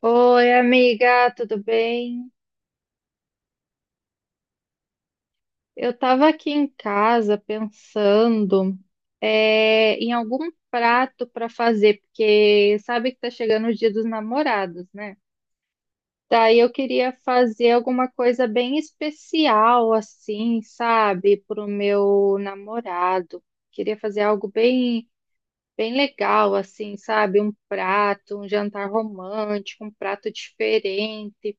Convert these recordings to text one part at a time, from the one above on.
Oi, amiga, tudo bem? Eu estava aqui em casa pensando em algum prato para fazer, porque sabe que tá chegando o Dia dos Namorados, né? Daí eu queria fazer alguma coisa bem especial, assim, sabe, para o meu namorado. Queria fazer algo bem, bem legal, assim, sabe? Um prato, um jantar romântico, um prato diferente.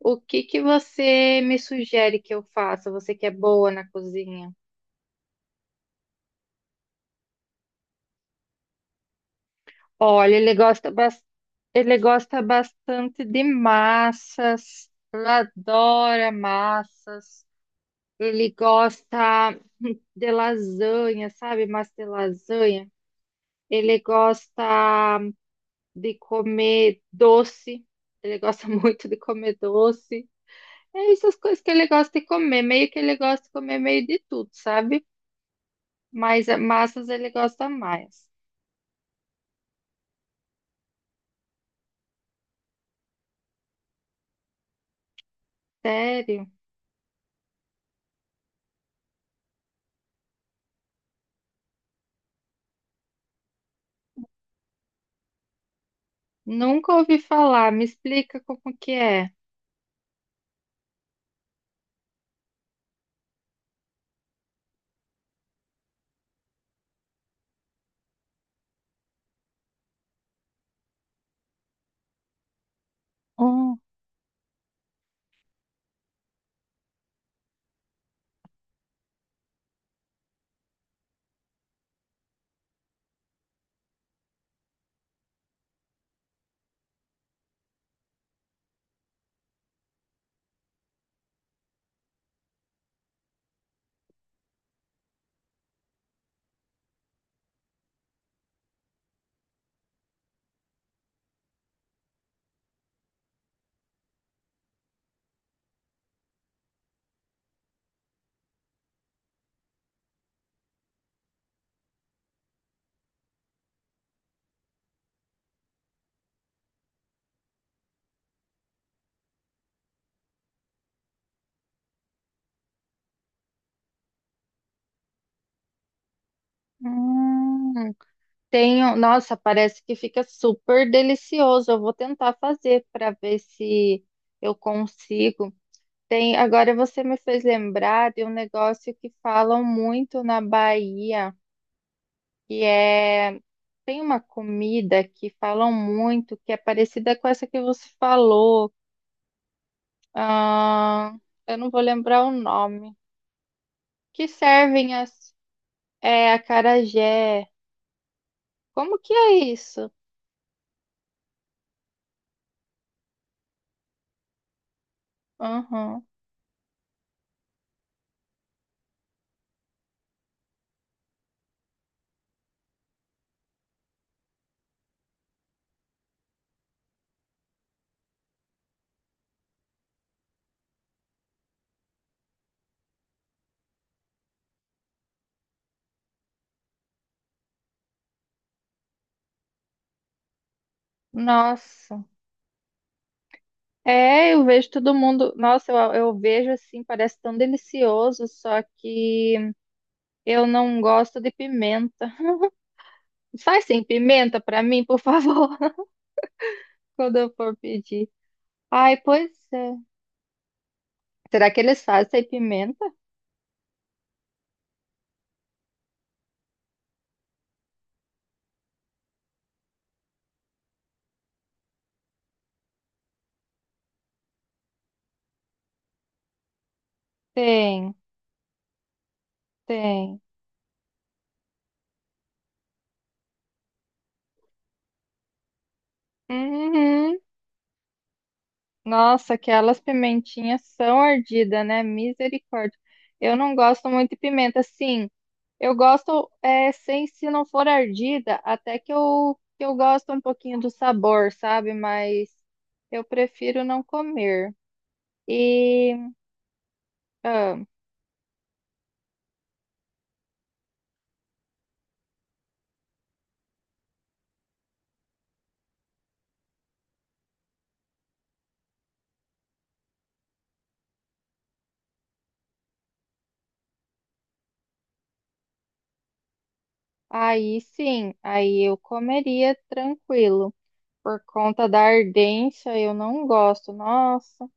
O que que você me sugere que eu faça? Você que é boa na cozinha. Olha, ele gosta, ele gosta bastante de massas. Ele adora massas. Ele gosta de lasanha, sabe? Massa de lasanha. Ele gosta de comer doce. Ele gosta muito de comer doce. É essas coisas que ele gosta de comer. Meio que ele gosta de comer meio de tudo, sabe? Mas massas ele gosta mais. Sério? Nunca ouvi falar. Me explica como que é. Hum. Hum, tenho, nossa, parece que fica super delicioso. Eu vou tentar fazer para ver se eu consigo. Tem, agora você me fez lembrar de um negócio que falam muito na Bahia, que é, tem uma comida que falam muito, que é parecida com essa que você falou. Ah, eu não vou lembrar o nome. Que servem assim. É, acarajé. Como que é isso? Aham. Nossa. É, eu vejo todo mundo. Nossa, eu vejo assim, parece tão delicioso, só que eu não gosto de pimenta. Sai sem pimenta pra mim, por favor, quando eu for pedir. Ai, pois é. Será que eles fazem sem pimenta? Tem, tem. Uhum. Nossa, aquelas pimentinhas são ardidas, né? Misericórdia. Eu não gosto muito de pimenta, sim. Eu gosto, é, sem se não for ardida, até que que eu gosto um pouquinho do sabor, sabe? Mas eu prefiro não comer. E ah, aí sim, aí eu comeria tranquilo. Por conta da ardência, eu não gosto. Nossa.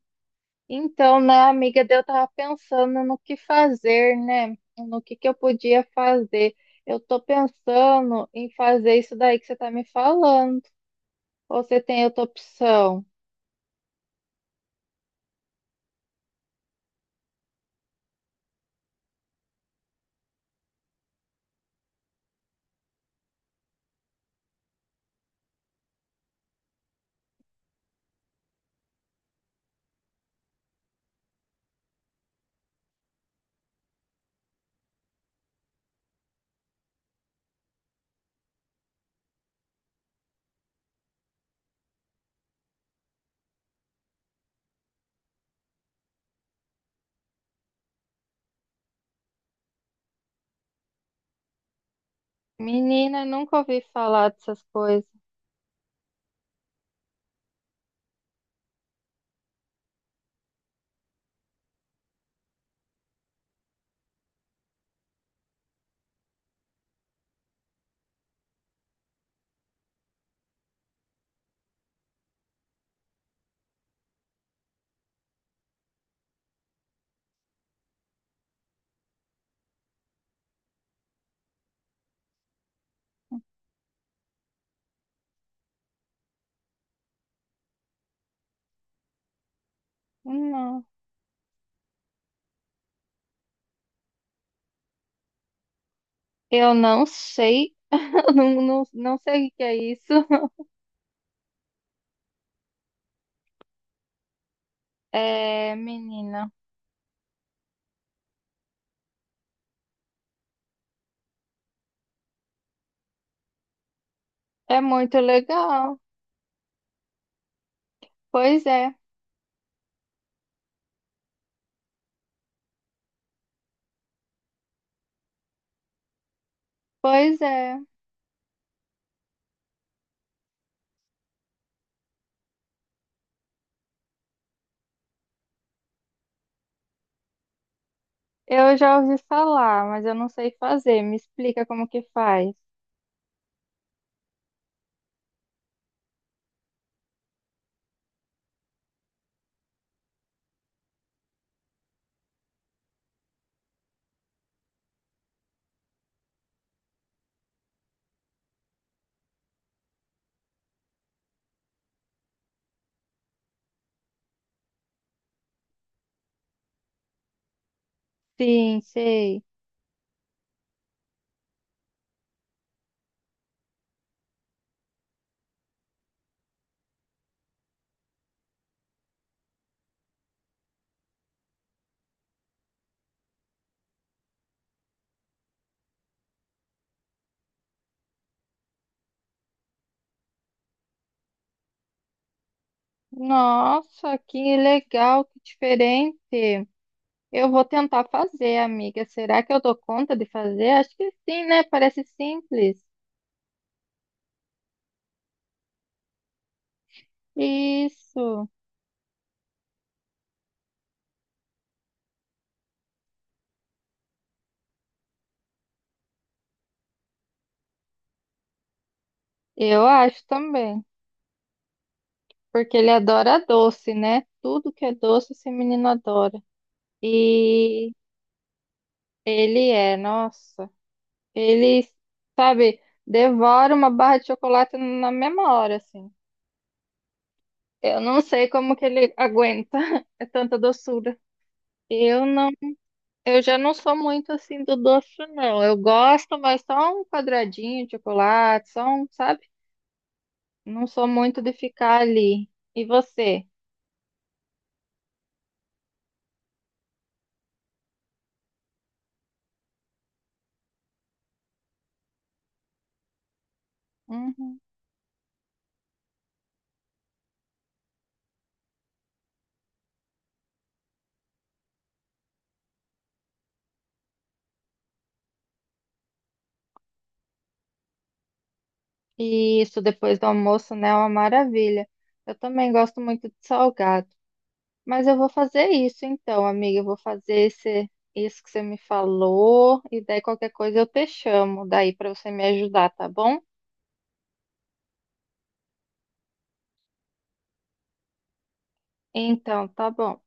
Então, né, amiga, daí eu tava pensando no que fazer, né? No que eu podia fazer. Eu tô pensando em fazer isso daí que você tá me falando. Ou você tem outra opção? Menina, eu nunca ouvi falar dessas coisas. Não. Eu não sei. Eu não, não, não sei o que é isso. É, menina, é muito legal. Pois é, pois é. Eu já ouvi falar, mas eu não sei fazer. Me explica como que faz. Sim, sei. Nossa, que legal, que diferente. Eu vou tentar fazer, amiga. Será que eu dou conta de fazer? Acho que sim, né? Parece simples. Isso, eu acho também, porque ele adora doce, né? Tudo que é doce, esse menino adora. E ele é, nossa, ele, sabe, devora uma barra de chocolate na mesma hora, assim. Eu não sei como que ele aguenta, é tanta doçura. Eu não Eu já não sou muito assim do doce, não. Eu gosto, mas só um quadradinho de chocolate, só um, sabe? Não sou muito de ficar ali. E você? Uhum. E isso depois do almoço, né? É uma maravilha. Eu também gosto muito de salgado. Mas eu vou fazer isso então, amiga. Eu vou fazer isso que você me falou. E daí qualquer coisa eu te chamo daí para você me ajudar, tá bom? Então, tá bom.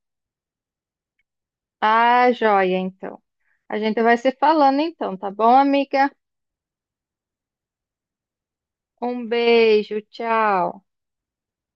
Ah, joia, então. A gente vai se falando então, tá bom, amiga? Um beijo, tchau.